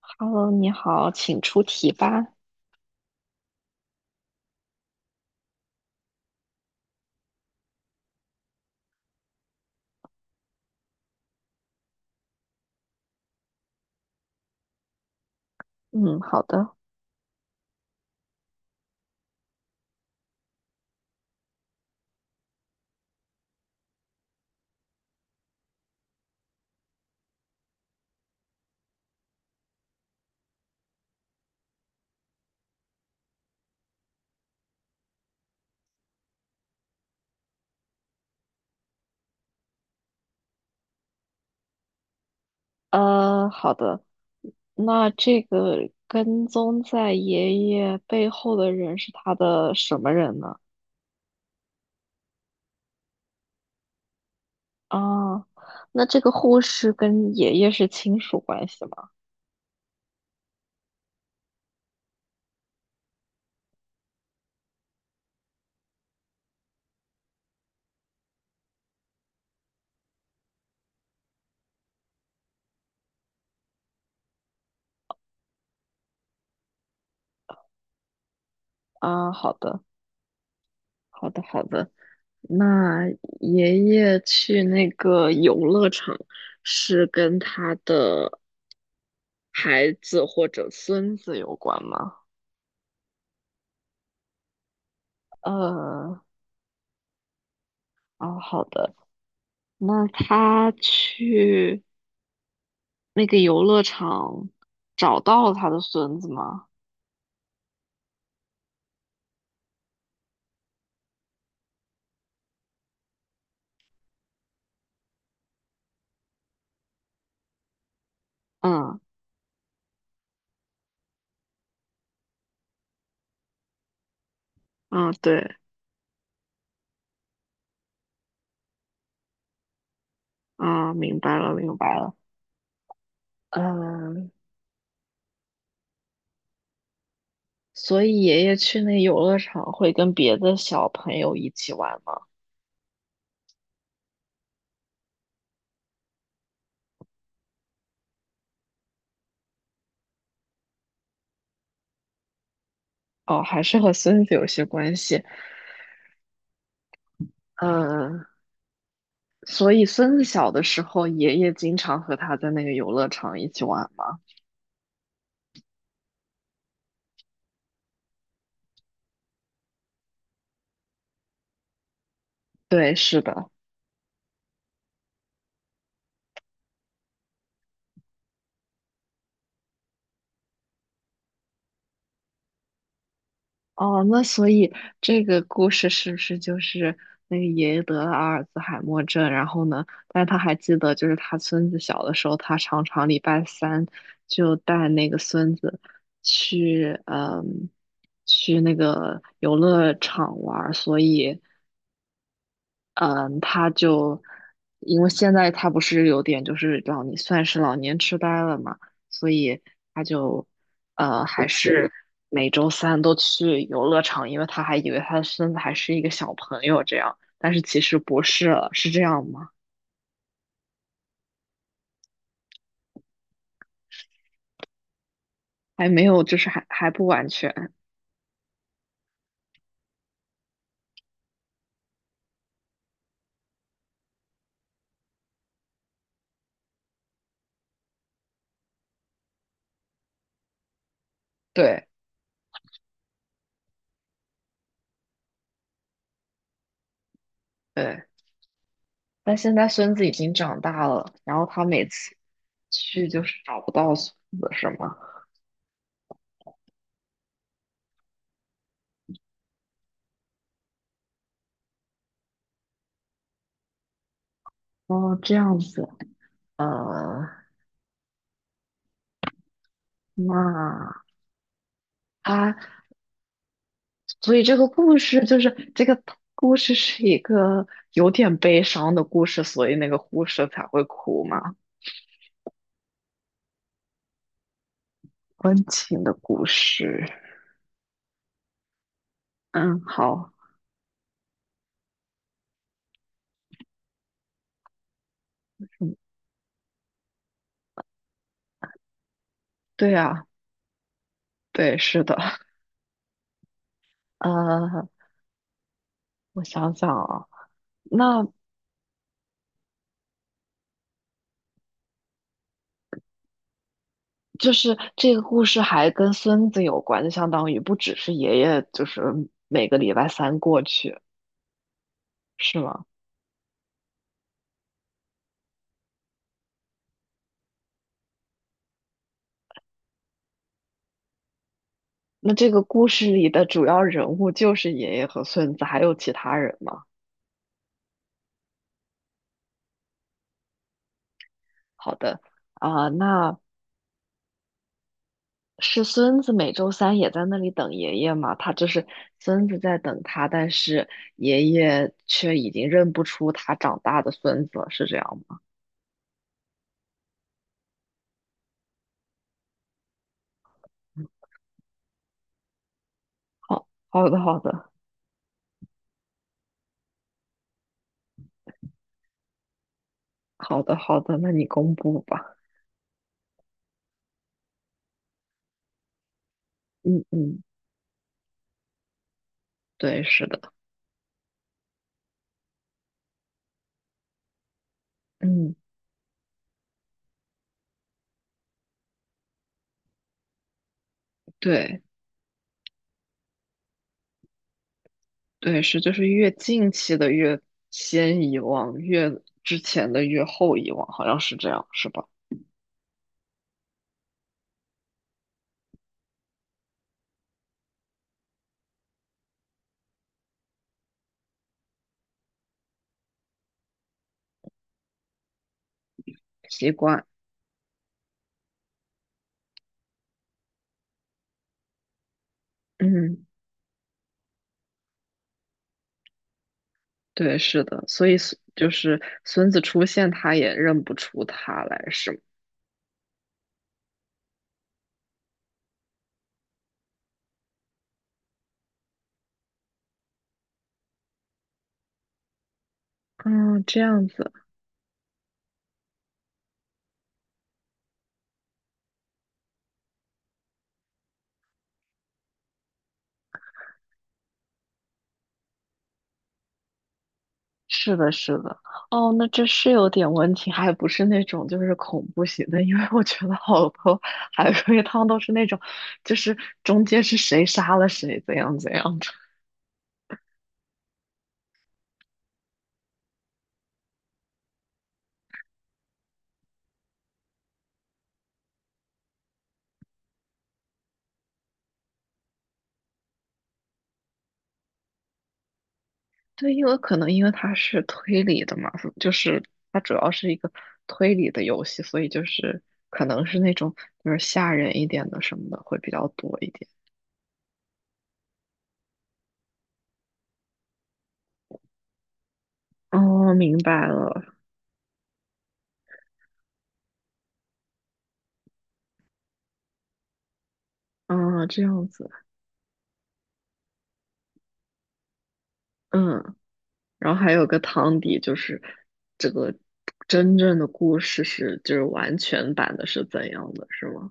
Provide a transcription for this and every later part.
Hello，你好，请出题吧。嗯，好的。好的，那这个跟踪在爷爷背后的人是他的什么人呢？啊，那这个护士跟爷爷是亲属关系吗？啊，好的，好的，好的。那爷爷去那个游乐场是跟他的孩子或者孙子有关吗？呃，哦，好的。那他去那个游乐场找到了他的孙子吗？嗯嗯，对，啊，明白了明白了。嗯，所以爷爷去那游乐场会跟别的小朋友一起玩吗？哦，还是和孙子有些关系。嗯，所以孙子小的时候，爷爷经常和他在那个游乐场一起玩吗？对，是的。哦，那所以这个故事是不是就是那个爷爷得了阿尔兹海默症，然后呢，但是他还记得，就是他孙子小的时候，他常常礼拜三就带那个孙子去，去那个游乐场玩儿，所以嗯，他就因为现在他不是有点就是老年，算是老年痴呆了嘛，所以他就还是每周三都去游乐场，因为他还以为他的孙子还是一个小朋友这样，但是其实不是了，是这样吗？还没有，就是还不完全，对对，但现在孙子已经长大了，然后他每次去就是找不到孙子是吗？哦，这样子，嗯，那。所以这个故事就是这个故事是一个有点悲伤的故事，所以那个护士才会哭嘛，温情的故事。嗯，好，嗯，对啊，对，是的，呃，我想想啊，那就是这个故事还跟孙子有关，就相当于不只是爷爷，就是每个礼拜三过去，是吗？那这个故事里的主要人物就是爷爷和孙子，还有其他人吗？好的。啊，那是孙子每周三也在那里等爷爷嘛，他就是孙子在等他，但是爷爷却已经认不出他长大的孙子了，是这样吗？好，好的，好的，好的，好的，那你公布吧。嗯嗯，对，是的，嗯，对对是，就是越近期的越先遗忘，越之前的越后遗忘，好像是这样，是吧？习惯，嗯，对，是的，所以孙就是孙子出现，他也认不出他来，是吗？嗯，这样子，是的，是的，哦，那这是有点问题，还不是那种就是恐怖型的，因为我觉得好多海龟汤都是那种，就是中间是谁杀了谁，怎样怎样的。对，因为可能因为它是推理的嘛，就是它主要是一个推理的游戏，所以就是可能是那种就是吓人一点的什么的会比较多一点。哦，明白了，啊，这样子，嗯。然后还有个汤底，就是这个真正的故事是就是完全版的是怎样的，是吗？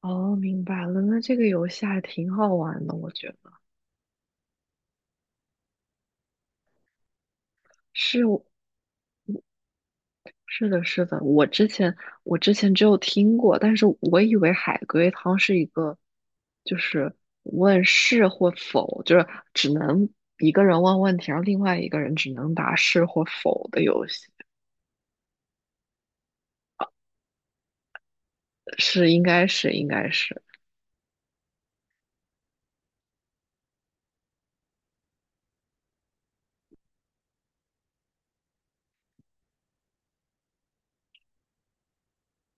哦，明白了。那这个游戏还挺好玩的，我觉得是我是的，是的。我之前只有听过，但是我以为海龟汤是一个，就是问是或否，就是只能一个人问问题，然后另外一个人只能答是或否的游戏。是，应该是，应该是。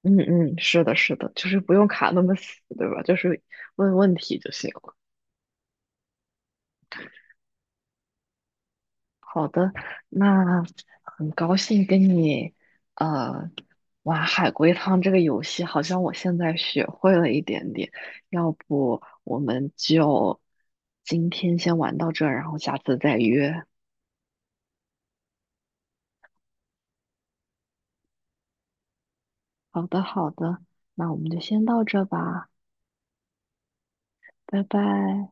嗯嗯，是的，是的，就是不用卡那么死，对吧？就是问问题就行了。好的，那很高兴跟你呃玩海龟汤这个游戏，好像我现在学会了一点点。要不我们就今天先玩到这儿，然后下次再约。好的，好的，那我们就先到这吧，拜拜。